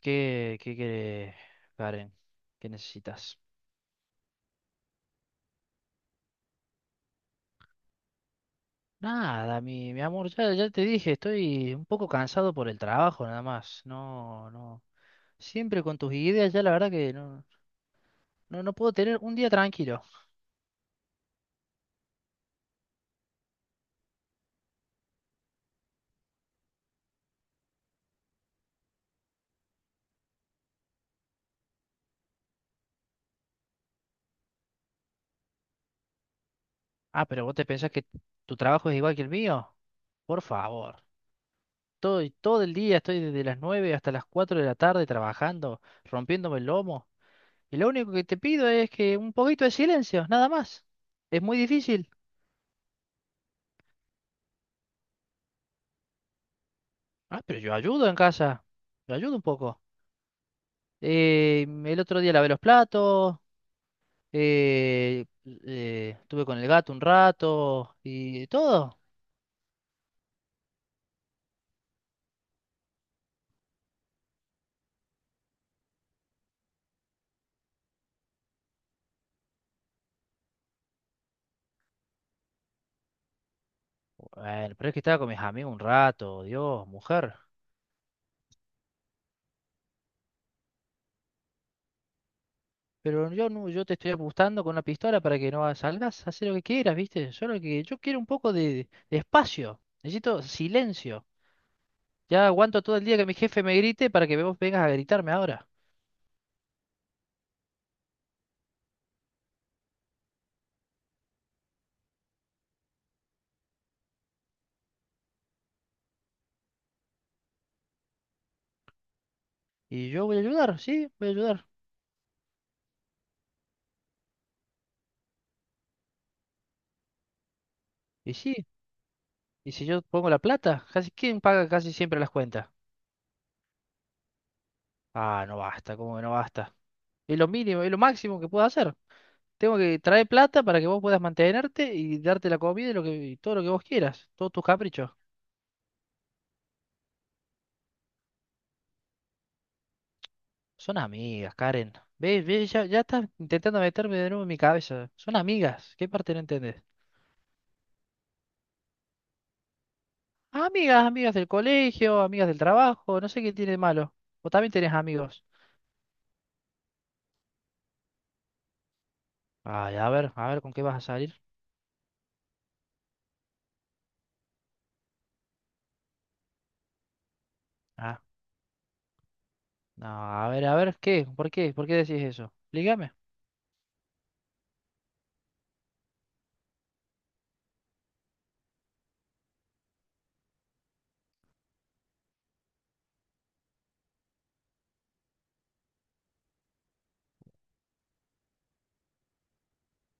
¿Qué querés, Karen? ¿Qué necesitas? Nada, mi amor, ya te dije, estoy un poco cansado por el trabajo, nada más. No, no. Siempre con tus ideas, ya la verdad que no puedo tener un día tranquilo. Ah, pero vos te pensás que tu trabajo es igual que el mío. Por favor. Todo el día estoy desde las 9 hasta las 4 de la tarde trabajando, rompiéndome el lomo. Y lo único que te pido es que un poquito de silencio, nada más. Es muy difícil. Ah, pero yo ayudo en casa. Yo ayudo un poco. El otro día lavé los platos. eh, Estuve con el gato un rato. Y todo. Bueno, pero es que estaba con mis amigos un rato. Dios, mujer. Pero yo no, yo te estoy apuntando con una pistola para que no salgas a hacer lo que quieras, ¿viste? Solo que yo quiero un poco de espacio. Necesito silencio. Ya aguanto todo el día que mi jefe me grite para que vos vengas a gritarme ahora. Y yo voy a ayudar, sí, voy a ayudar. Y sí. Y si yo pongo la plata, casi, ¿quién paga casi siempre las cuentas? Ah, no basta, ¿cómo que no basta? Es lo mínimo, es lo máximo que puedo hacer. Tengo que traer plata para que vos puedas mantenerte y darte la comida y, lo que, y todo lo que vos quieras, todos tus caprichos. Son amigas, Karen. ¿Ves? Ya estás intentando meterme de nuevo en mi cabeza. Son amigas. ¿Qué parte no entendés? Amigas, amigas del colegio, amigas del trabajo, no sé qué tiene de malo. Vos también tenés amigos. Ay, a ver, ¿con qué vas a salir? Ah, no, a ver, ¿qué? ¿Por qué decís eso? Explícame.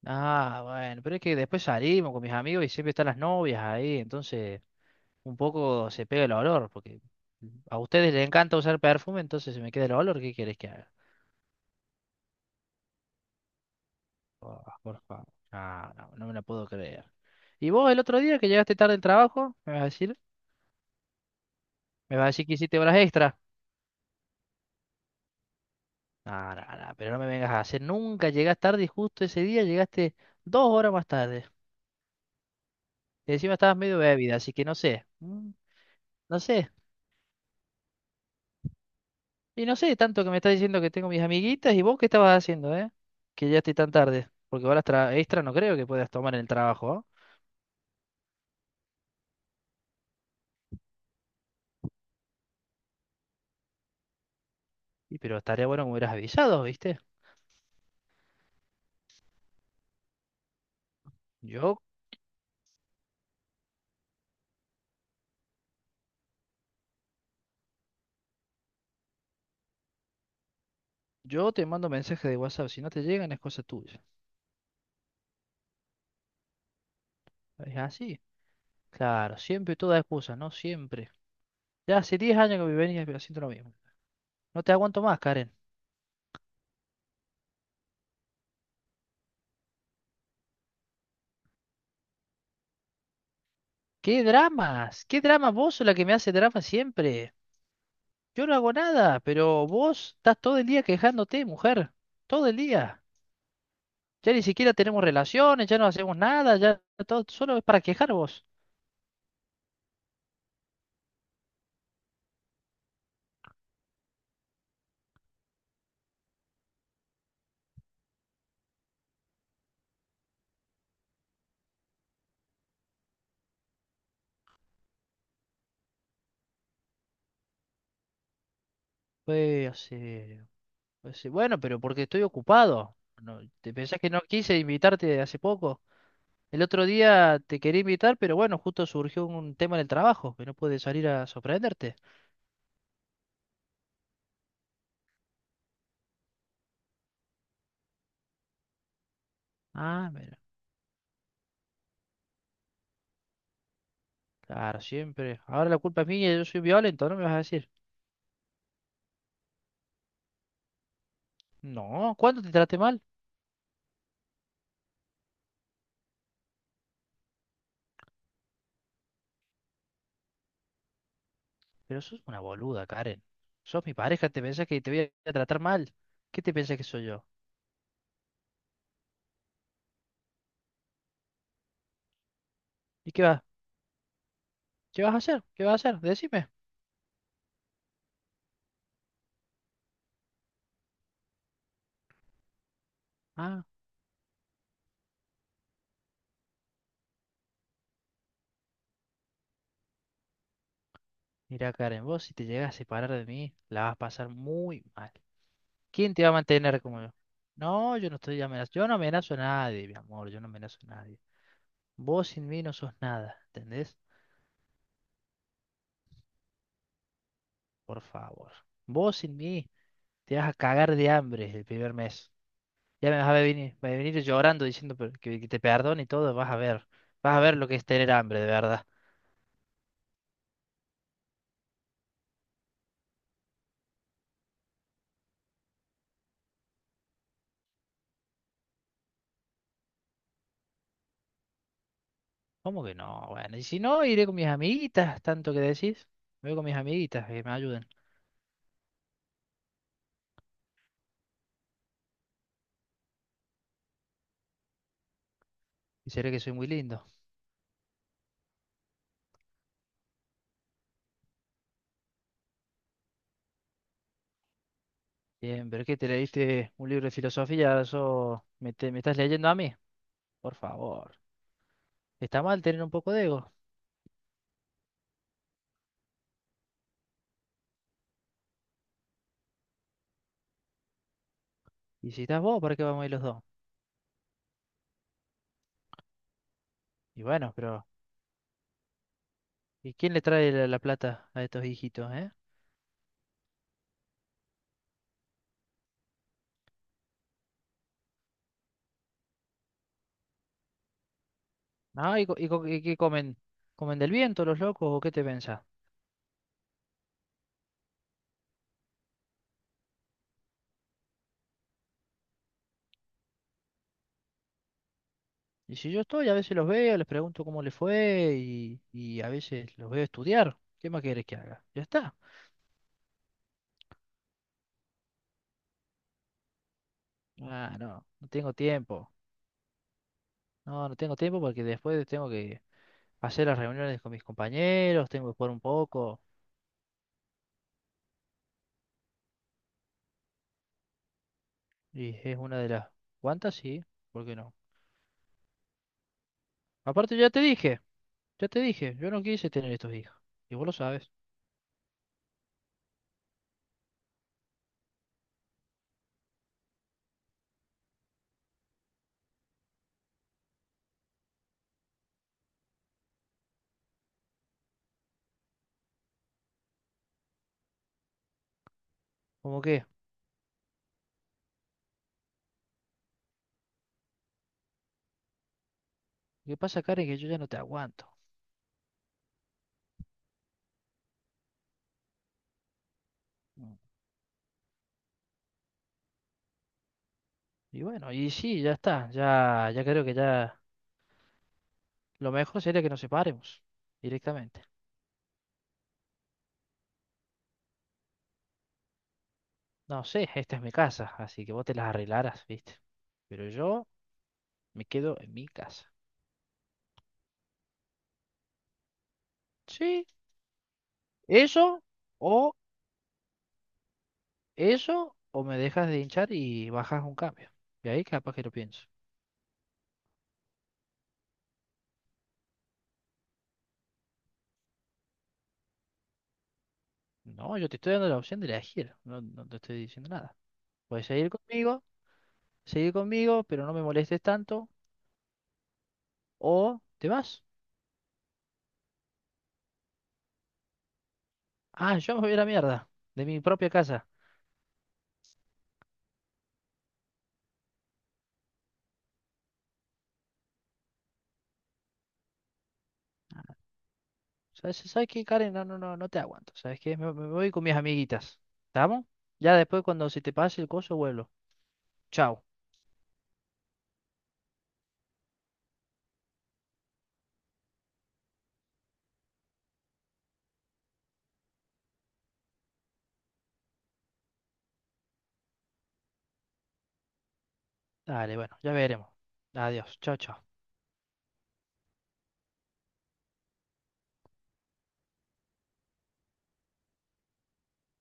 Ah, bueno, pero es que después salimos con mis amigos y siempre están las novias ahí, entonces un poco se pega el olor, porque a ustedes les encanta usar perfume, entonces se me queda el olor, ¿qué querés que haga? Oh, por favor. Ah, no, no me la puedo creer. ¿Y vos el otro día que llegaste tarde del trabajo, me vas a decir? ¿Me vas a decir que hiciste horas extra? No, pero no me vengas a hacer, nunca llegás tarde y justo ese día llegaste 2 horas más tarde. Y encima estabas medio bebida, así que no sé, no sé. Y no sé, tanto que me estás diciendo que tengo mis amiguitas y vos qué estabas haciendo, ¿eh? Que ya estoy tan tarde. Porque horas extra no creo que puedas tomar en el trabajo, ¿ah? Y pero estaría bueno que me hubieras avisado, ¿viste? Yo, yo te mando mensajes de WhatsApp, si no te llegan es cosa tuya. Es así. Claro, siempre toda excusa, ¿no? Siempre. Ya hace 10 años que me venís haciendo lo mismo. No te aguanto más, Karen. ¿Qué dramas? Vos sos la que me hace drama siempre. Yo no hago nada, pero vos estás todo el día quejándote, mujer. Todo el día. Ya ni siquiera tenemos relaciones, ya no hacemos nada, ya todo solo es para quejar vos. Pues, bueno, pero porque estoy ocupado. No, ¿te pensás que no quise invitarte hace poco? El otro día te quería invitar, pero bueno, justo surgió un tema en el trabajo, que no pude salir a sorprenderte. Ah, mira, claro, siempre. Ahora la culpa es mía, yo soy violento, ¿no me vas a decir? No, ¿cuándo te traté mal? Pero sos una boluda, Karen. Sos mi pareja, ¿te pensás que te voy a tratar mal? ¿Qué te pensás que soy yo? ¿Y qué vas a ¿Qué vas a hacer? Decime. Ah, mira, Karen, vos si te llegas a separar de mí, la vas a pasar muy mal. ¿Quién te va a mantener como yo? No, yo no estoy amenazando. Yo no amenazo a nadie, mi amor. Yo no amenazo a nadie. Vos sin mí no sos nada, ¿entendés? Por favor. Vos sin mí te vas a cagar de hambre el 1.er mes. Ya me vas a venir llorando diciendo que te perdone y todo. Vas a ver. Vas a ver lo que es tener hambre, de verdad. ¿Cómo que no? Bueno, y si no, iré con mis amiguitas, tanto que decís. Me voy con mis amiguitas que me ayuden. ¿Y será que soy muy lindo? Bien, pero ¿qué te leíste un libro de filosofía? ¿Eso me estás leyendo a mí? Por favor. Está mal tener un poco de ego. Y si estás vos, ¿para qué vamos a ir los dos? Y bueno, pero ¿y quién le trae la plata a estos hijitos, eh? Ah, ¿y qué comen? ¿Comen del viento los locos o qué te pensás? Y si yo estoy, a veces los veo, les pregunto cómo les fue y a veces los veo estudiar. ¿Qué más querés que haga? Ya está. Ah, no, no tengo tiempo. No, no tengo tiempo porque después tengo que hacer las reuniones con mis compañeros, tengo que jugar un poco. Y es una de las cuantas, sí, ¿por qué no? Aparte, ya te dije, yo no quise tener estos hijos. Y vos lo sabes. ¿Cómo qué? ¿Qué pasa, Karen? Que yo ya no te aguanto. Mm. Y bueno, y sí, ya está. Ya creo que ya lo mejor sería que nos separemos directamente. No sé, esta es mi casa, así que vos te las arreglarás, ¿viste? Pero yo me quedo en mi casa. Sí, eso o ¿Eso o me dejas de hinchar y bajas un cambio? Y ahí capaz que lo pienso. No, yo te estoy dando la opción de elegir, no, no te estoy diciendo nada. Puedes seguir conmigo, seguir conmigo, pero no me molestes tanto, o te vas. Ah, yo me voy a la mierda, de mi propia casa. ¿Sabes qué, Karen? No te aguanto. ¿Sabes qué? Me voy con mis amiguitas. ¿Estamos? Ya después, cuando se te pase el coso, vuelvo. Chao. Dale, bueno, ya veremos. Adiós. Chao, chao.